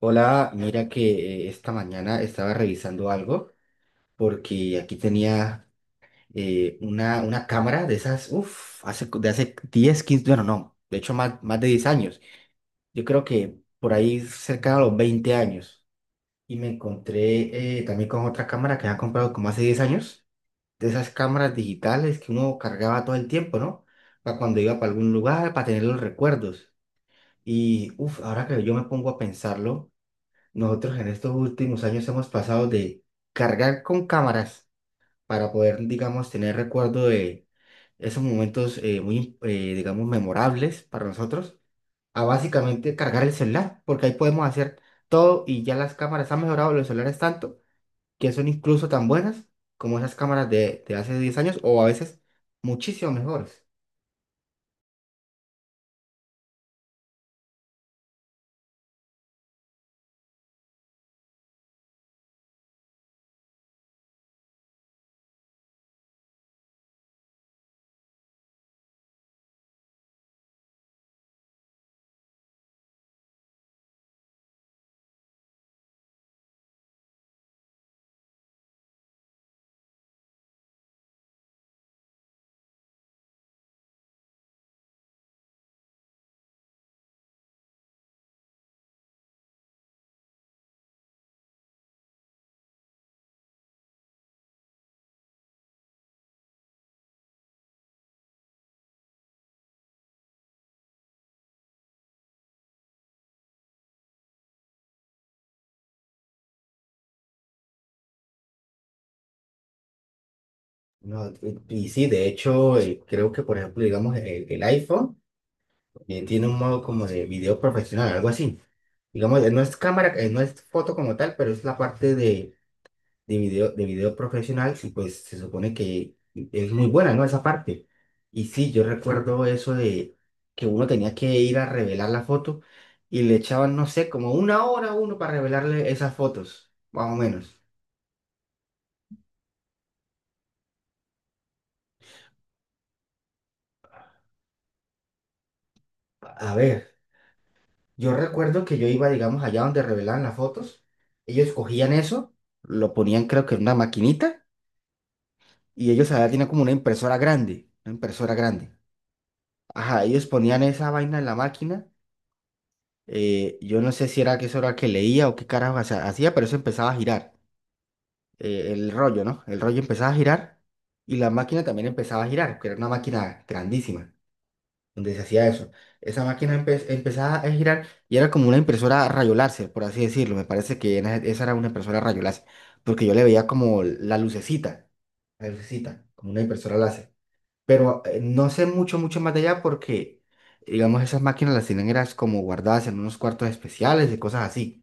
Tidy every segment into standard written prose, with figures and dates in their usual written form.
Hola, mira que esta mañana estaba revisando algo porque aquí tenía una cámara de esas, uff, de hace 10 15, bueno, no, de hecho más de 10 años. Yo creo que por ahí cerca de los 20 años. Y me encontré también con otra cámara que había comprado como hace 10 años, de esas cámaras digitales que uno cargaba todo el tiempo, ¿no? Para cuando iba para algún lugar, para tener los recuerdos. Y uff, ahora que yo me pongo a pensarlo. Nosotros en estos últimos años hemos pasado de cargar con cámaras para poder, digamos, tener recuerdo de esos momentos muy, digamos, memorables para nosotros, a básicamente cargar el celular, porque ahí podemos hacer todo y ya las cámaras han mejorado los celulares tanto que son incluso tan buenas como esas cámaras de hace 10 años o a veces muchísimo mejores. No, y sí, de hecho, creo que, por ejemplo, digamos, el iPhone, tiene un modo como de video profesional, algo así. Digamos, no es cámara, no es foto como tal, pero es la parte de video, de video profesional y pues se supone que es muy buena, ¿no? Esa parte. Y sí, yo recuerdo eso de que uno tenía que ir a revelar la foto y le echaban, no sé, como una hora a uno para revelarle esas fotos, más o menos. A ver, yo recuerdo que yo iba, digamos, allá donde revelaban las fotos, ellos cogían eso, lo ponían creo que en una maquinita. Y ellos allá tienen como una impresora grande, una impresora grande. Ajá, ellos ponían esa vaina en la máquina. Yo no sé si era que eso era que leía o qué carajo hacía, pero eso empezaba a girar. El rollo, ¿no? El rollo empezaba a girar y la máquina también empezaba a girar, que era una máquina grandísima, donde se hacía eso. Esa máquina empezaba a girar y era como una impresora a rayo láser, por así decirlo. Me parece que esa era una impresora a rayo láser, porque yo le veía como la lucecita, como una impresora láser. Pero no sé mucho, mucho más de allá porque, digamos, esas máquinas las tienen eras como guardadas en unos cuartos especiales y cosas así.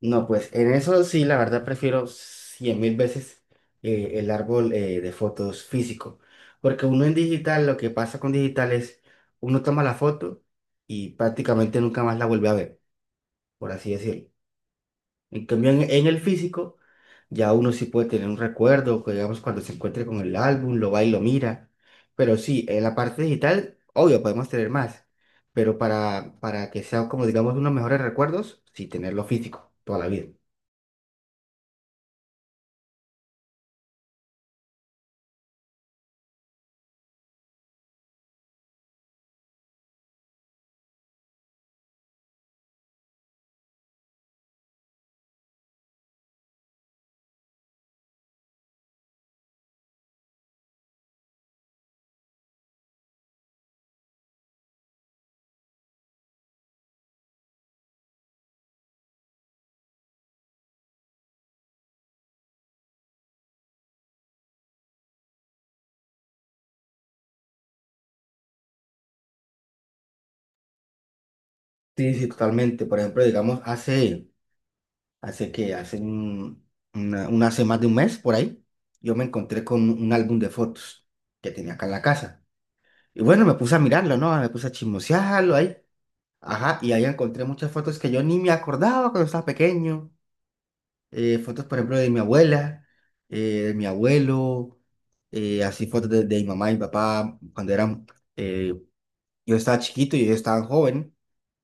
No, pues en eso sí, la verdad prefiero 100.000 veces el árbol de fotos físico. Porque uno en digital, lo que pasa con digital es, uno toma la foto y prácticamente nunca más la vuelve a ver, por así decirlo. En cambio, en el físico, ya uno sí puede tener un recuerdo, que digamos, cuando se encuentre con el álbum, lo va y lo mira. Pero sí, en la parte digital, obvio, podemos tener más. Pero para que sea como, digamos, unos mejores recuerdos, sí, tenerlo físico toda la vida. Sí, sí, totalmente. Por ejemplo, digamos, hace, hace que, hace un- una- hace más de un mes por ahí, yo me encontré con un álbum de fotos que tenía acá en la casa. Y bueno, me puse a mirarlo, ¿no? Me puse a chismosearlo ahí. Ajá, y ahí encontré muchas fotos que yo ni me acordaba cuando estaba pequeño. Fotos, por ejemplo, de mi abuela, eh, de mi abuelo, así fotos de mi mamá y mi papá cuando eran, eh, yo estaba chiquito y ellos estaban joven,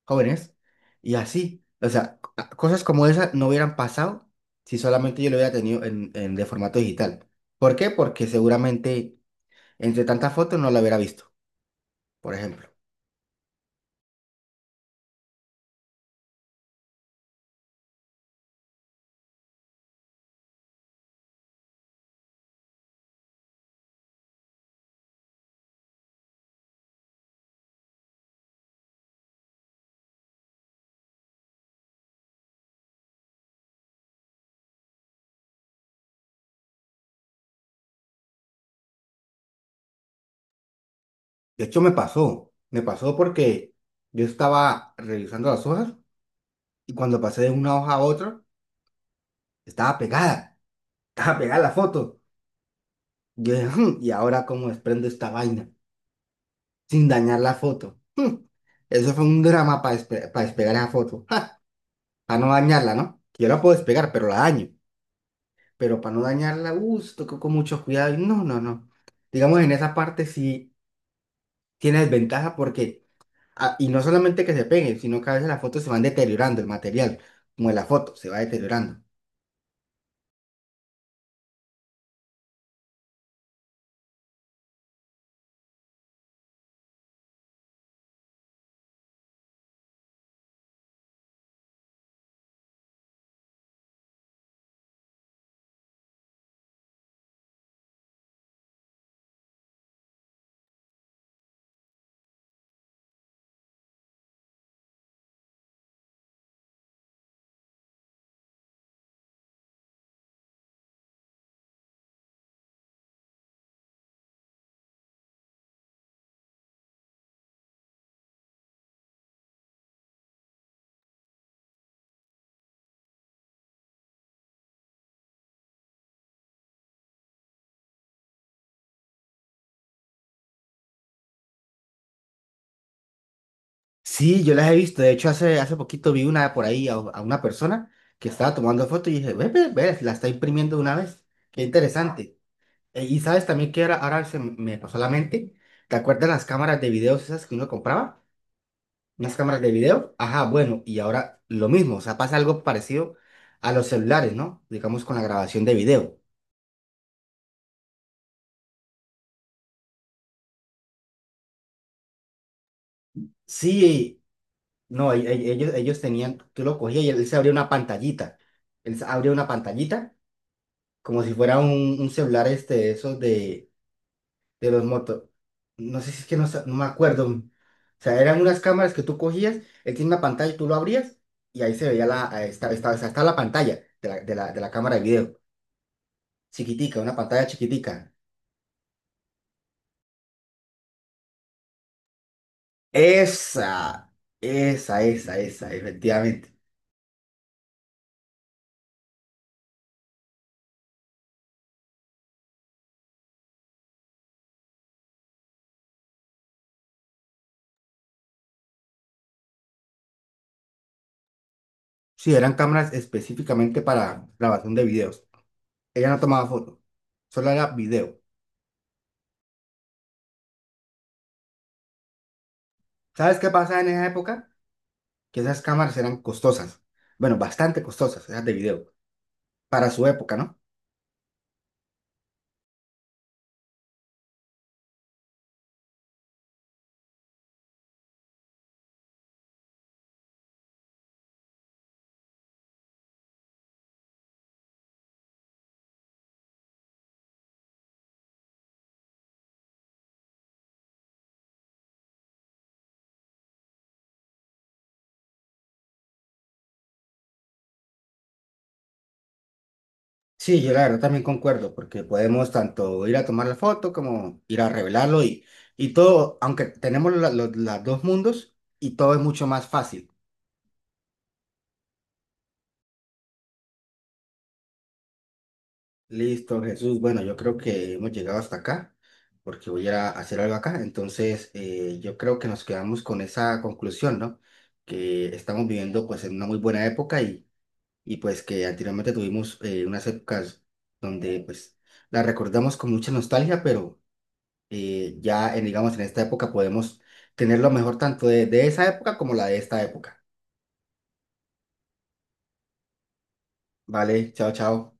jóvenes, y así. O sea, cosas como esas no hubieran pasado si solamente yo lo hubiera tenido de formato digital. ¿Por qué? Porque seguramente entre tantas fotos no la hubiera visto, por ejemplo. De hecho, me pasó. Me pasó porque yo estaba revisando las hojas y cuando pasé de una hoja a otra, estaba pegada. Estaba pegada la foto. Yo dije, "Hmm, ¿y ahora cómo desprendo esta vaina sin dañar la foto?" Eso fue un drama para despegar esa foto. Ja, para no dañarla, ¿no? Yo la puedo despegar, pero la daño. Pero para no dañarla, con mucho cuidado. Y no, no, no. Digamos, en esa parte sí tiene desventaja porque, ah, y no solamente que se peguen, sino que a veces las fotos se van deteriorando, el material, como de la foto, se va deteriorando. Sí, yo las he visto. De hecho, hace poquito vi una por ahí a, una persona que estaba tomando fotos y dije, ve, ve, ve, la está imprimiendo de una vez. Qué interesante. Y sabes también que ahora se me pasó a la mente. ¿Te acuerdas las cámaras de videos esas que uno compraba? Unas cámaras de video. Ajá, bueno, y ahora lo mismo. O sea, pasa algo parecido a los celulares, ¿no? Digamos con la grabación de video. Sí, no, ellos tenían, tú lo cogías y él se abría una pantallita. Él se abría una pantallita como si fuera un celular este, de esos de los motos. No sé si es que no, no me acuerdo. O sea, eran unas cámaras que tú cogías, él tiene una pantalla y tú lo abrías y ahí se veía o sea, estaba la pantalla de la cámara de video. Chiquitica, una pantalla chiquitica. Esa, esa, efectivamente. Sí, eran cámaras específicamente para grabación de videos. Ella no tomaba fotos. Solo era video. ¿Sabes qué pasaba en esa época? Que esas cámaras eran costosas, bueno, bastante costosas, esas de video, para su época, ¿no? Sí, yo la verdad también concuerdo, porque podemos tanto ir a tomar la foto como ir a revelarlo y todo, aunque tenemos los dos mundos y todo es mucho más fácil. Listo, Jesús, bueno, yo creo que hemos llegado hasta acá, porque voy a ir a hacer algo acá, entonces yo creo que nos quedamos con esa conclusión, ¿no? Que estamos viviendo pues en una muy buena época y pues que anteriormente tuvimos unas épocas donde pues las recordamos con mucha nostalgia, pero ya en, digamos en esta época podemos tener lo mejor tanto de esa época como la de esta época. Vale, chao, chao.